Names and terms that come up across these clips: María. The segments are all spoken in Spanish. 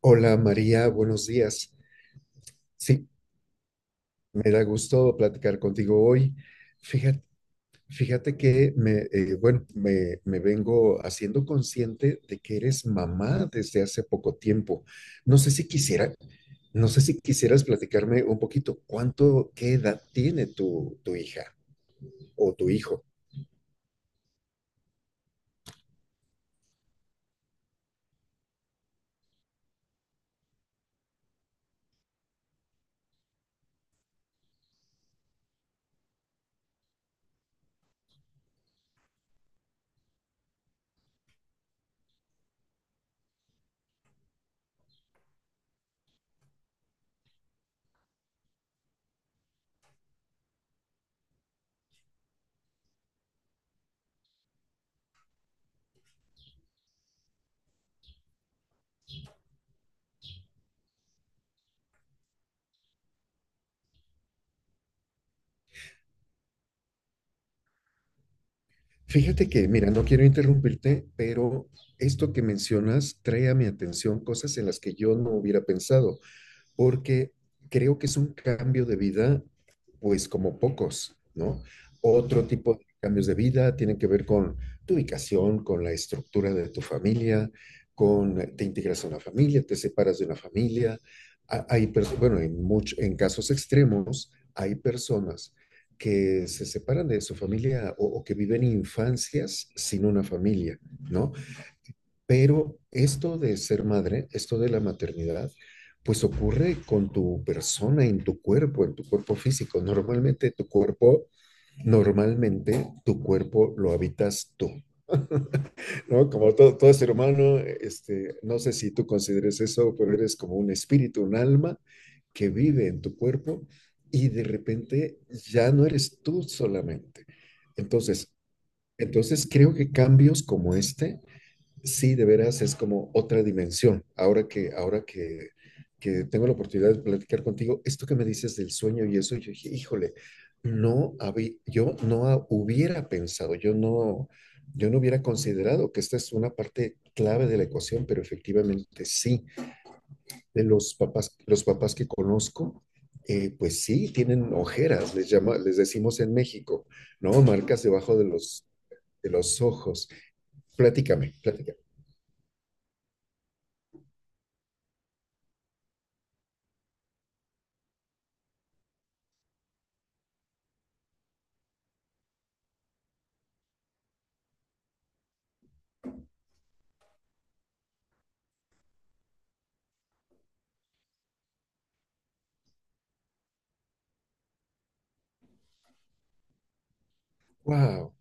Hola María, buenos días. Sí, me da gusto platicar contigo hoy. Fíjate, fíjate que bueno, me vengo haciendo consciente de que eres mamá desde hace poco tiempo. No sé si quisiera, no sé si quisieras platicarme un poquito qué edad tiene tu hija o tu hijo. Fíjate que, mira, no quiero interrumpirte, pero esto que mencionas trae a mi atención cosas en las que yo no hubiera pensado, porque creo que es un cambio de vida, pues como pocos, ¿no? Otro tipo de cambios de vida tienen que ver con tu ubicación, con la estructura de tu familia, con te integras a una familia, te separas de una familia. Hay, bueno, en casos extremos, hay personas que se separan de su familia que viven infancias sin una familia, ¿no? Pero esto de ser madre, esto de la maternidad, pues ocurre con tu persona, en tu cuerpo físico. Normalmente tu cuerpo lo habitas tú, ¿no? Como todo ser humano, este, no sé si tú consideres eso, pero eres como un espíritu, un alma que vive en tu cuerpo y de repente ya no eres tú solamente. Entonces, entonces, creo que cambios como este... Sí, de veras es como otra dimensión. Ahora que tengo la oportunidad de platicar contigo, esto que me dices del sueño y eso, yo dije, híjole, no había, yo no ha- hubiera pensado, yo no hubiera considerado que esta es una parte clave de la ecuación, pero efectivamente sí, los papás que conozco, pues sí, tienen ojeras, les llama, les decimos en México, ¿no? Marcas debajo de los ojos. Platícame, platícame. Wow.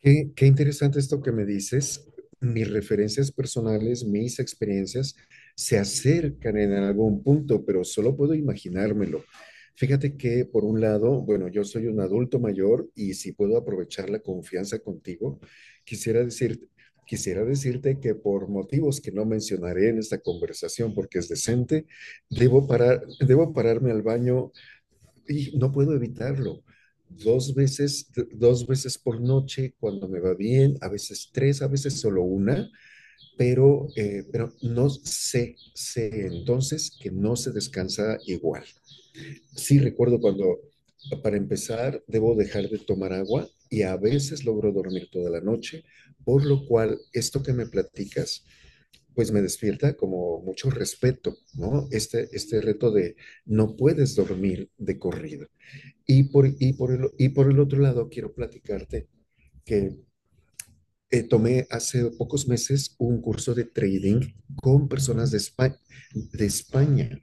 Qué interesante esto que me dices. Mis referencias personales, mis experiencias se acercan en algún punto, pero solo puedo imaginármelo. Fíjate que, por un lado, bueno, yo soy un adulto mayor y si puedo aprovechar la confianza contigo, quisiera decir, quisiera decirte que por motivos que no mencionaré en esta conversación porque es decente, debo parar, debo pararme al baño y no puedo evitarlo. Dos veces por noche cuando me va bien, a veces tres, a veces solo una, pero no sé, sé entonces que no se descansa igual. Sí recuerdo cuando, para empezar, debo dejar de tomar agua y a veces logro dormir toda la noche, por lo cual esto que me platicas, pues me despierta como mucho respeto, ¿no? Este reto de no puedes dormir de corrido. Y por el otro lado, quiero platicarte que tomé hace pocos meses un curso de trading con personas de España, de España.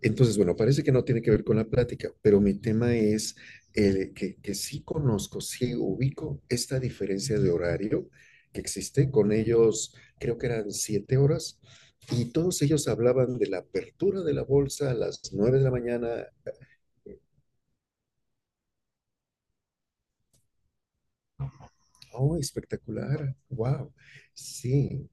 Entonces, bueno, parece que no tiene que ver con la plática, pero mi tema es que sí conozco, sí ubico esta diferencia de horario que existe. Con ellos creo que eran 7 horas y todos ellos hablaban de la apertura de la bolsa a las 9 de la mañana. Oh, espectacular. Wow. Sí.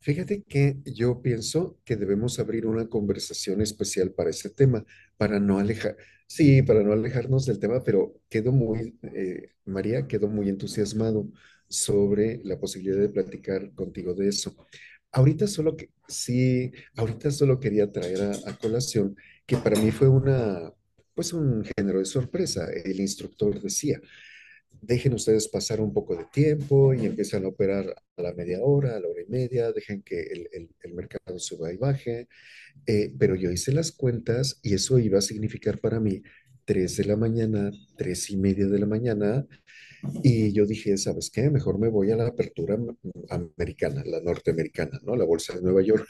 Fíjate que yo pienso que debemos abrir una conversación especial para ese tema, para no alejar, sí, para no alejarnos del tema, pero María, quedo muy entusiasmado sobre la posibilidad de platicar contigo de eso. Sí, ahorita solo quería traer a colación que para mí fue pues un género de sorpresa. El instructor decía, dejen ustedes pasar un poco de tiempo y empiezan a operar a la media hora, a la hora y media, dejen que el mercado suba y baje. Pero yo hice las cuentas y eso iba a significar para mí 3 de la mañana, 3:30 de la mañana, y yo dije, ¿sabes qué? Mejor me voy a la apertura americana, la norteamericana, ¿no? La bolsa de Nueva York.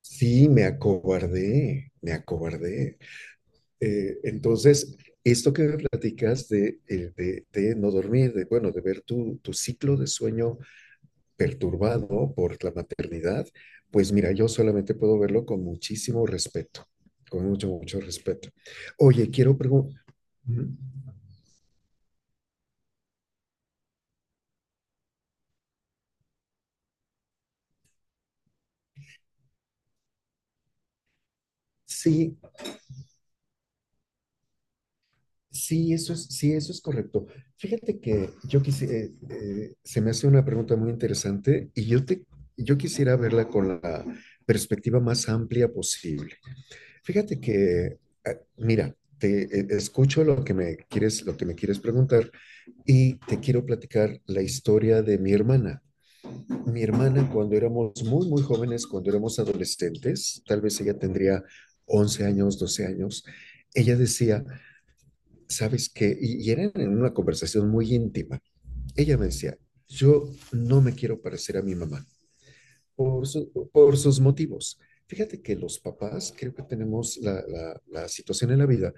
Sí, me acobardé, me acobardé. Entonces, esto que me platicas de no dormir, bueno, de ver tu ciclo de sueño perturbado por la maternidad, pues mira, yo solamente puedo verlo con muchísimo respeto, con mucho, mucho respeto. Oye, quiero preguntar, sí, sí, eso es correcto. Fíjate que yo quisiera, se me hace una pregunta muy interesante y yo quisiera verla con la perspectiva más amplia posible. Fíjate que, mira, te escucho lo que me quieres preguntar y te quiero platicar la historia de mi hermana. Mi hermana, cuando éramos muy, muy jóvenes, cuando éramos adolescentes, tal vez ella tendría 11 años, 12 años, ella decía, ¿sabes qué? Y era en una conversación muy íntima. Ella me decía, yo no me quiero parecer a mi mamá por, por sus motivos. Fíjate que los papás creo que tenemos la situación en la vida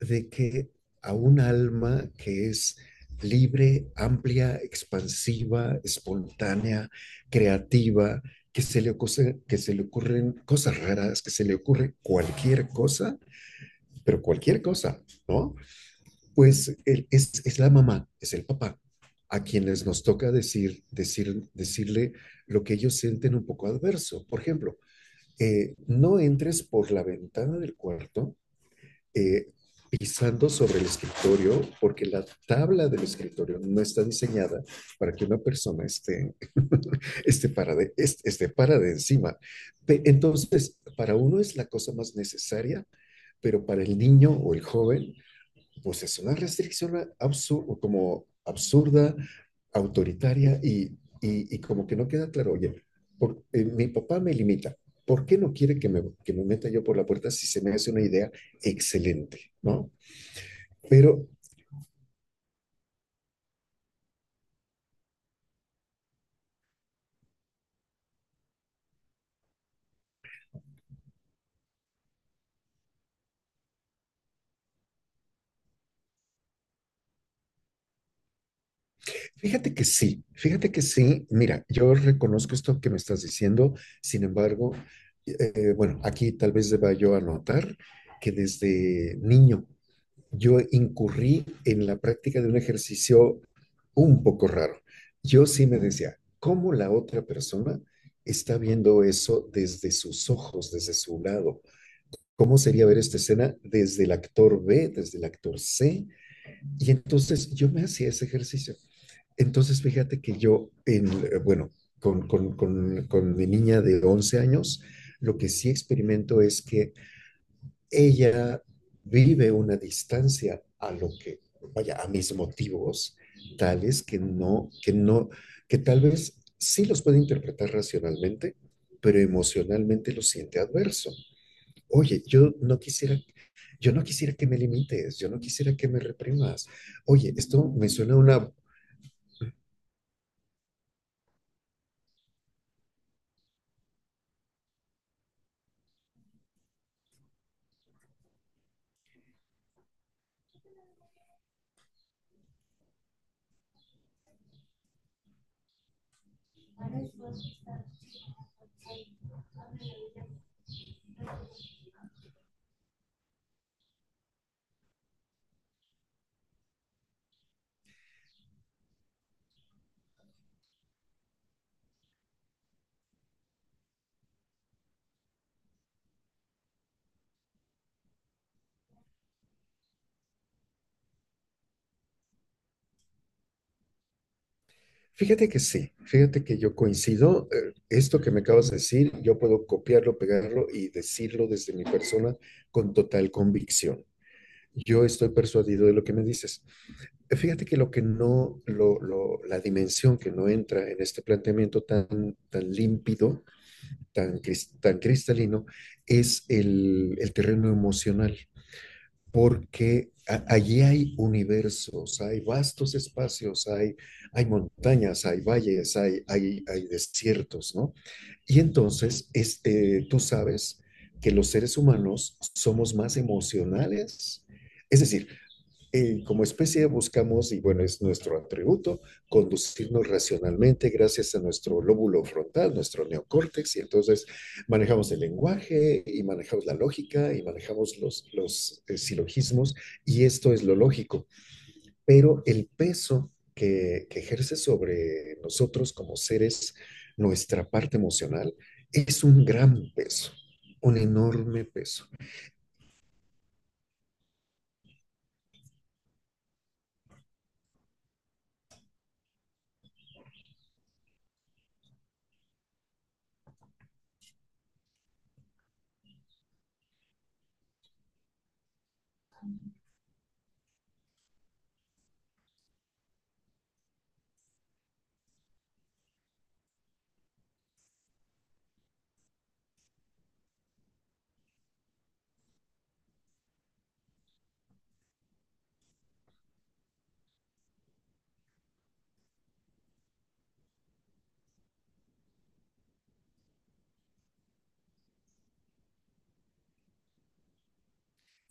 de que a un alma que es libre, amplia, expansiva, espontánea, creativa, que se le, ocurre, que se le ocurren cosas raras, que se le ocurre cualquier cosa, pero cualquier cosa, ¿no? Pues el, es la mamá, es el papá, a quienes nos toca decirle lo que ellos sienten un poco adverso. Por ejemplo, no entres por la ventana del cuarto eh, pisando sobre el escritorio, porque la tabla del escritorio no está diseñada para que una persona esté, esté para de encima. Entonces, para uno es la cosa más necesaria, pero para el niño o el joven pues es una restricción absurda, como absurda, autoritaria y como que no queda claro, oye, mi papá me limita, ¿por qué no quiere que me meta yo por la puerta si se me hace una idea excelente? ¿No? Pero Fíjate que sí, mira, yo reconozco esto que me estás diciendo, sin embargo, bueno, aquí tal vez deba yo anotar que desde niño yo incurrí en la práctica de un ejercicio un poco raro. Yo sí me decía, ¿cómo la otra persona está viendo eso desde sus ojos, desde su lado? ¿Cómo sería ver esta escena desde el actor B, desde el actor C? Y entonces yo me hacía ese ejercicio. Entonces fíjate que yo, en, bueno, con mi niña de 11 años, lo que sí experimento es que ella vive una distancia a lo que, vaya, a mis motivos, tales que no, que no, que tal vez sí los puede interpretar racionalmente, pero emocionalmente lo siente adverso. Oye, yo no quisiera que me limites, yo no quisiera que me reprimas. Oye, esto me suena a una... Fíjate que sí, fíjate que yo coincido, esto que me acabas de decir, yo puedo copiarlo, pegarlo y decirlo desde mi persona con total convicción. Yo estoy persuadido de lo que me dices. Fíjate que lo que no, la dimensión que no entra en este planteamiento tan, tan límpido, tan, tan cristalino, es el terreno emocional, porque a- allí hay universos, hay vastos espacios, hay montañas, hay valles, hay desiertos, ¿no? Y entonces, este, tú sabes que los seres humanos somos más emocionales. Es decir, como especie buscamos, y bueno, es nuestro atributo, conducirnos racionalmente gracias a nuestro lóbulo frontal, nuestro neocórtex, y entonces manejamos el lenguaje y manejamos la lógica y manejamos los silogismos, y esto es lo lógico, pero el peso que ejerce sobre nosotros como seres nuestra parte emocional es un gran peso, un enorme peso.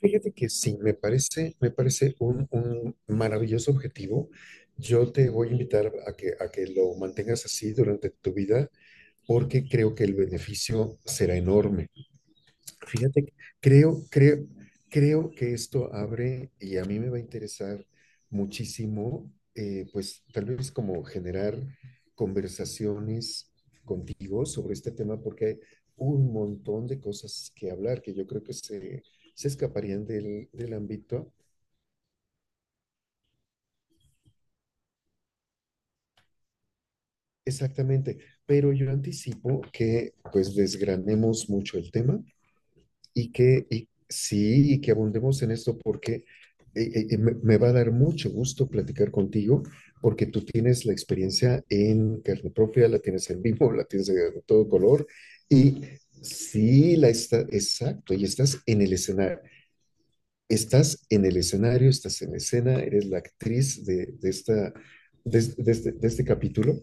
Fíjate que sí, me parece un maravilloso objetivo. Yo te voy a invitar a que lo mantengas así durante tu vida porque creo que el beneficio será enorme. Fíjate, que creo, creo, creo que esto abre y a mí me va a interesar muchísimo, pues tal vez como generar conversaciones contigo sobre este tema, porque hay un montón de cosas que hablar que yo creo que se escaparían del ámbito. Exactamente, pero yo anticipo que pues desgranemos mucho el tema. Sí, y que abundemos en esto porque me va a dar mucho gusto platicar contigo porque tú tienes la experiencia en carne propia, la tienes en vivo, la tienes de todo color y sí, la está, exacto, y estás en el escenario, estás en el escenario, estás en escena, eres la actriz de esta... De este capítulo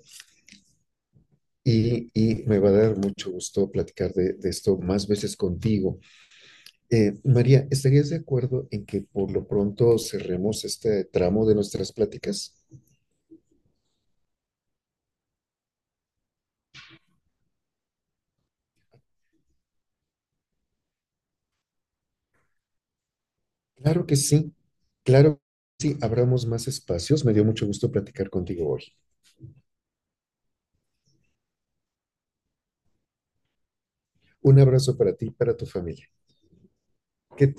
y me va a dar mucho gusto platicar de esto más veces contigo. María, ¿estarías de acuerdo en que por lo pronto cerremos este tramo de nuestras pláticas? Claro que sí, claro que sí, abramos más espacios. Me dio mucho gusto platicar contigo hoy. Un abrazo para ti y para tu familia. Que